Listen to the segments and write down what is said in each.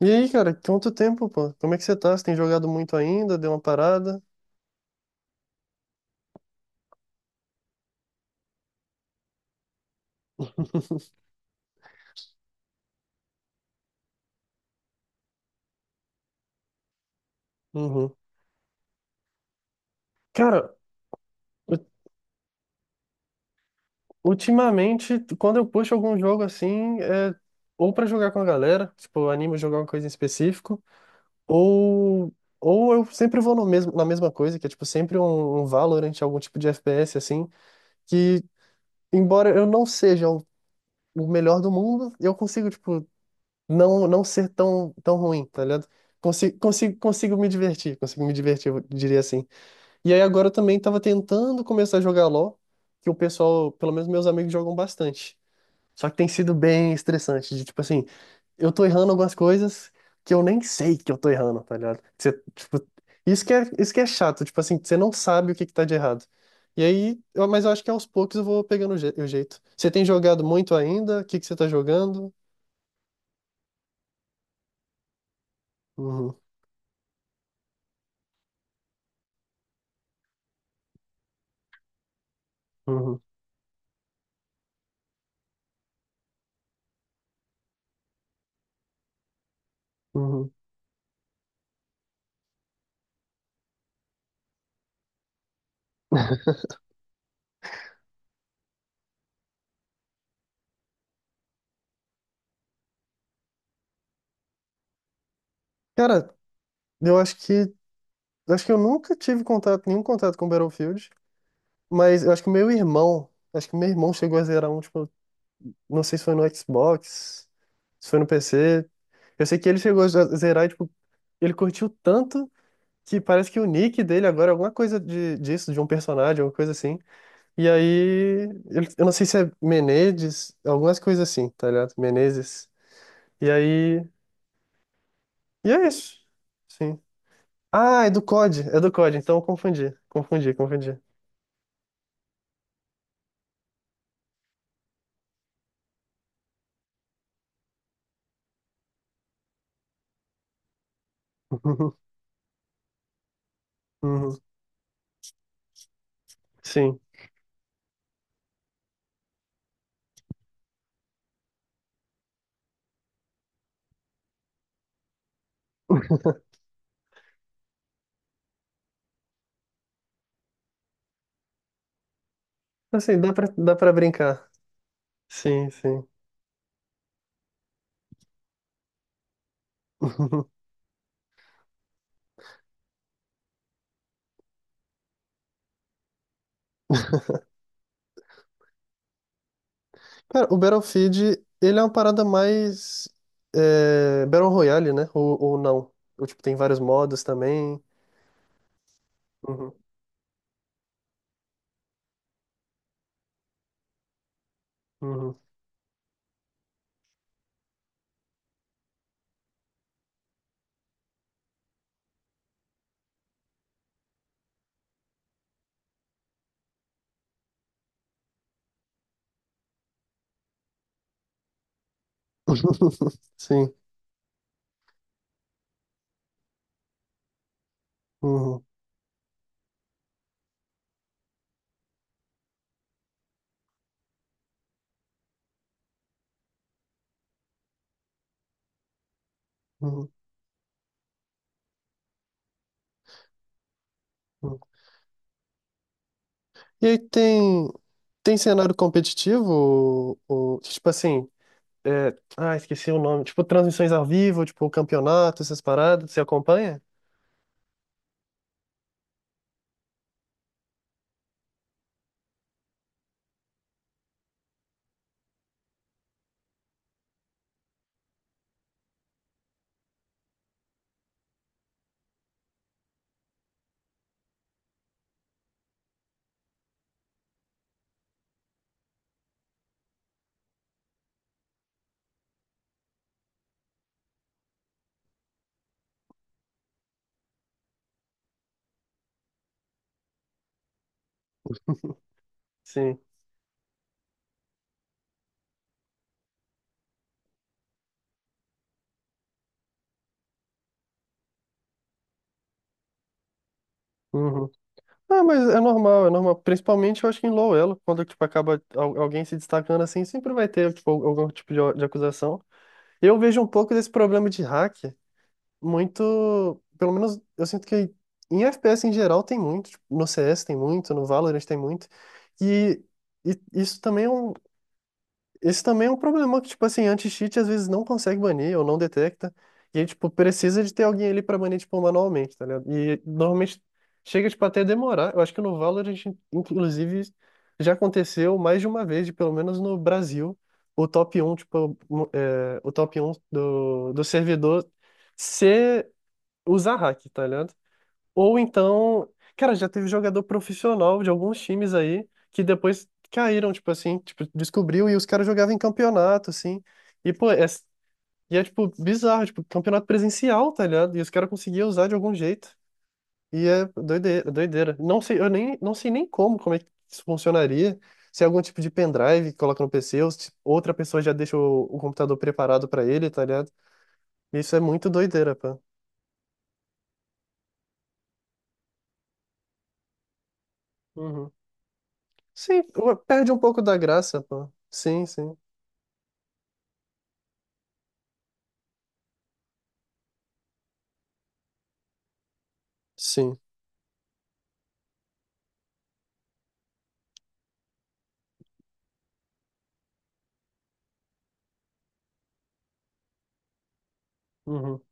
E aí, cara, quanto tempo, pô? Como é que você tá? Você tem jogado muito ainda? Deu uma parada? Uhum. Cara, u- ultimamente, quando eu puxo algum jogo assim, ou pra jogar com a galera, tipo, eu animo a jogar uma coisa em específico, ou ou eu sempre vou no mesmo, na mesma coisa, que é tipo sempre um Valorant, algum tipo de FPS assim, que embora eu não seja o melhor do mundo, eu consigo, tipo, não ser tão ruim, tá ligado? Consigo me divertir, eu diria assim. E aí agora eu também tava tentando começar a jogar LoL, que o pessoal, pelo menos meus amigos jogam bastante. Só que tem sido bem estressante, de tipo assim, eu tô errando algumas coisas que eu nem sei que eu tô errando, tá ligado? Você, tipo, isso que é chato, tipo assim, você não sabe o que que tá de errado. E aí, mas eu acho que aos poucos eu vou pegando o jeito. Você tem jogado muito ainda? O que que você tá jogando? Uhum, uhum, uhum. Cara, eu acho que, eu acho que eu nunca tive contato, nenhum contato com Battlefield. Mas eu acho que o meu irmão, acho que meu irmão chegou a zerar um, tipo, não sei se foi no Xbox, se foi no PC. Eu sei que ele chegou a zerar e, tipo, ele curtiu tanto que parece que o nick dele agora é alguma coisa de, disso, de um personagem, alguma coisa assim. E aí, eu não sei se é Menezes, algumas coisas assim, tá ligado? Menezes. E aí, é isso. Sim. Ah, é do COD, então eu confundi. Uhum. Sim. Assim, dá pra brincar. Sim, sim. Cara, o Battlefield, ele é uma parada mais Battle Royale, né? Ou não. Ou, tipo, tem vários modos também. Uhum, uhum. Sim. Uhum, uhum, uhum. E aí tem cenário competitivo? Ou, tipo assim, ah, esqueci o nome. Tipo, transmissões ao vivo, tipo, campeonato, essas paradas. Você acompanha? Sim. Uhum. Ah, mas é normal, é normal. Principalmente, eu acho que em low elo, quando, tipo, acaba alguém se destacando assim, sempre vai ter, tipo, algum tipo de acusação. Eu vejo um pouco desse problema de hack muito. Pelo menos, eu sinto que em FPS em geral tem muito. Tipo, no CS tem muito, no Valorant tem muito. E, e isso também é um, esse também é um problema que, tipo assim, anti-cheat às vezes não consegue banir ou não detecta. E aí, tipo, precisa de ter alguém ali pra banir, tipo, manualmente, tá ligado? E normalmente chega, tipo, até demorar. Eu acho que no Valorant, inclusive, já aconteceu mais de uma vez, de, pelo menos no Brasil, o top um tipo, o top um do servidor ser usar hack, tá ligado? Ou então, cara, já teve jogador profissional de alguns times aí que depois caíram, tipo assim, tipo, descobriu e os caras jogavam em campeonato, assim. E, pô, e é, tipo, bizarro, tipo, campeonato presencial, tá ligado? E os caras conseguiam usar de algum jeito. E é doideira, doideira. Não sei, eu nem, não sei nem como é que isso funcionaria. Se é algum tipo de pendrive que coloca no PC, ou se outra pessoa já deixa o computador preparado pra ele, tá ligado? Isso é muito doideira, pô. Uhum. Sim, perde um pouco da graça, pô. Sim, sim. Sim. Uhum.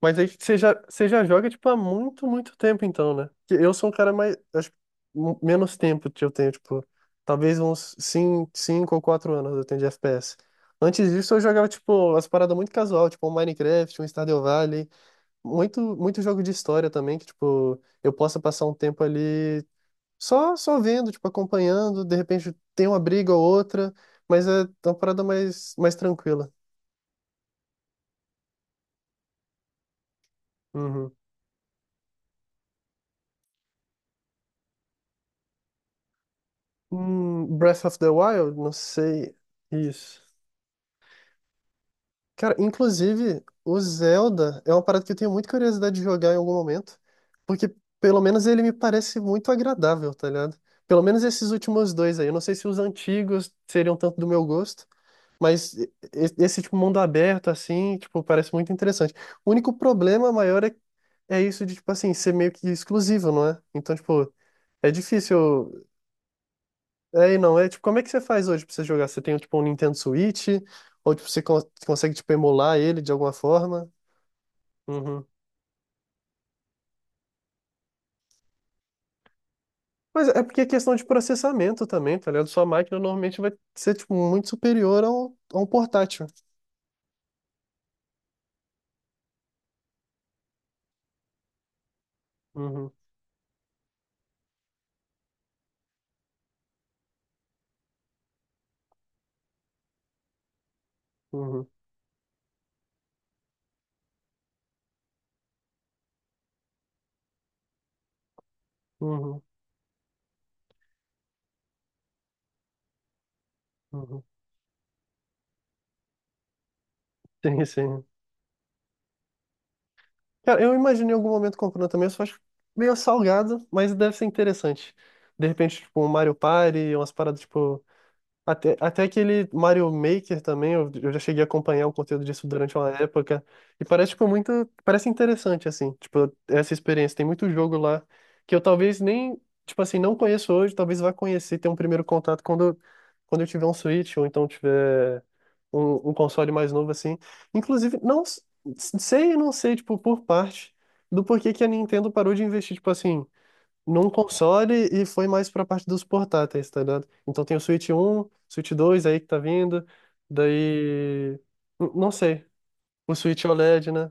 Mas aí você já joga, tipo, há muito, muito tempo, então, né? Porque eu sou um cara mais. Acho, que menos tempo que eu tenho, tipo. Talvez uns cinco cinco ou 4 anos eu tenho de FPS. Antes disso, eu jogava, tipo, as paradas muito casual, tipo, um Minecraft, um Stardew Valley. Muito, muito jogo de história também, que, tipo, eu possa passar um tempo ali só vendo, tipo, acompanhando. De repente tem uma briga ou outra, mas é uma parada mais tranquila. Uhum. Breath of the Wild? Não sei. Isso. Cara, inclusive, o Zelda é uma parada que eu tenho muita curiosidade de jogar em algum momento, porque pelo menos ele me parece muito agradável, tá ligado? Pelo menos esses últimos dois aí. Eu não sei se os antigos seriam tanto do meu gosto, mas esse tipo mundo aberto, assim, tipo, parece muito interessante. O único problema maior é isso de, tipo assim, ser meio que exclusivo, não é? Então, tipo, é difícil. É, e não, é tipo, como é que você faz hoje pra você jogar? Você tem tipo um Nintendo Switch? Ou tipo, você consegue tipo, emular ele de alguma forma? Uhum. Mas é porque é questão de processamento também, tá ligado? Sua máquina normalmente vai ser tipo, muito superior ao, a um portátil. Uhum, uhum, uhum, uhum. Sim, sim. Cara, eu imaginei em algum momento comprando também, eu só acho meio salgado, mas deve ser interessante. De repente, tipo, um Mario Party, umas paradas tipo. Até aquele Mario Maker também, eu já cheguei a acompanhar o conteúdo disso durante uma época. E parece, tipo, muito. Parece interessante, assim, tipo, essa experiência. Tem muito jogo lá que eu talvez nem, tipo assim, não conheço hoje, talvez vá conhecer, ter um primeiro contato quando eu tiver um Switch ou então tiver um console mais novo, assim. Inclusive, não sei e não sei, tipo, por parte do porquê que a Nintendo parou de investir, tipo assim num console e foi mais pra parte dos portáteis, tá ligado? Então tem o Switch um, Switch dois aí que tá vindo, daí. Não sei. O Switch OLED, né?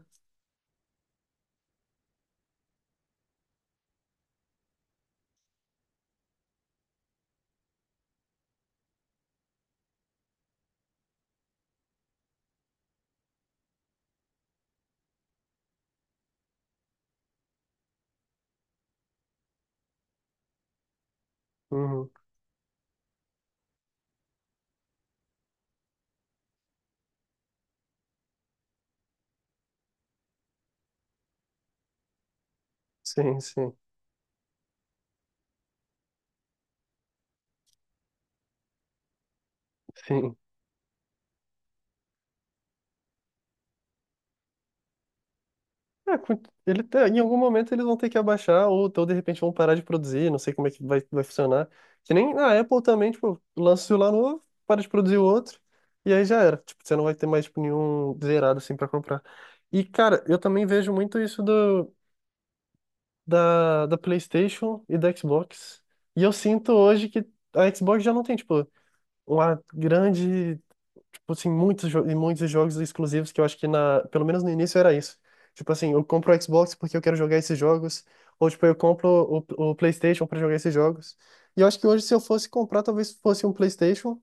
Uhum. Sim, sim, sim. É, ele, em algum momento eles vão ter que abaixar, ou então de repente vão parar de produzir, não sei como é que vai funcionar. Que nem a Apple também, tipo, lança o celular novo, para de produzir o outro, e aí já era. Tipo, você não vai ter mais, tipo, nenhum zerado assim pra comprar. E, cara, eu também vejo muito isso da PlayStation e da Xbox. E eu sinto hoje que a Xbox já não tem, tipo, uma grande, tipo assim, muitos, e muitos jogos exclusivos que eu acho que na, pelo menos no início era isso. Tipo assim, eu compro o Xbox porque eu quero jogar esses jogos, ou tipo, eu compro o PlayStation para jogar esses jogos. E eu acho que hoje se eu fosse comprar, talvez fosse um PlayStation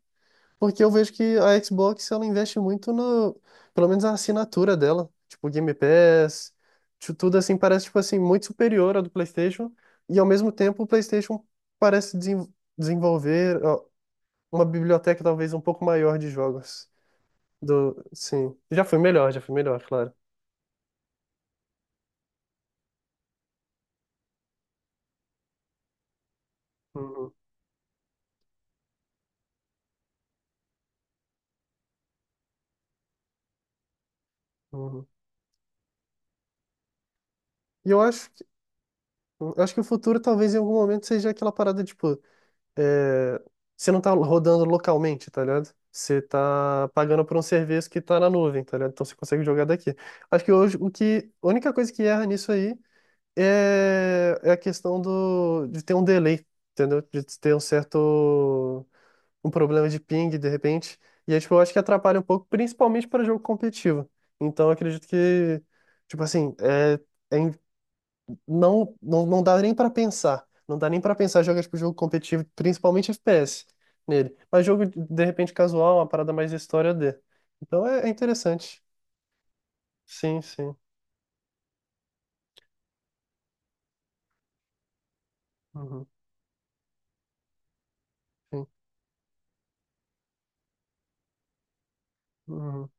porque eu vejo que a Xbox ela investe muito no, pelo menos a assinatura dela, tipo Game Pass, tudo assim parece tipo assim muito superior à do PlayStation e ao mesmo tempo o PlayStation parece desenvolver ó, uma biblioteca talvez um pouco maior de jogos do, sim, já foi melhor, claro. Uhum, uhum. E eu acho que o futuro talvez em algum momento seja aquela parada tipo é, você não tá rodando localmente, tá ligado? Você tá pagando por um serviço que tá na nuvem, tá ligado? Então você consegue jogar daqui. Acho que hoje o que, a única coisa que erra nisso aí é a questão do, de ter um delay, entendeu? De ter um certo, um problema de ping, de repente. E aí, tipo, eu acho que atrapalha um pouco, principalmente para jogo competitivo. Então eu acredito que, tipo assim, é não, dá nem pra pensar. Não dá nem pra pensar jogar tipo jogo competitivo, principalmente FPS nele. Mas jogo de repente casual, uma parada mais história D. Então é interessante. Sim, sim. Uhum, sim. Uhum,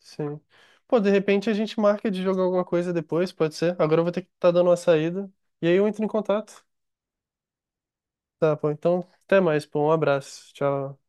sim. Pô, de repente a gente marca de jogar alguma coisa depois, pode ser? Agora eu vou ter que estar dando uma saída. E aí eu entro em contato. Tá, pô. Então, até mais, pô. Um abraço. Tchau.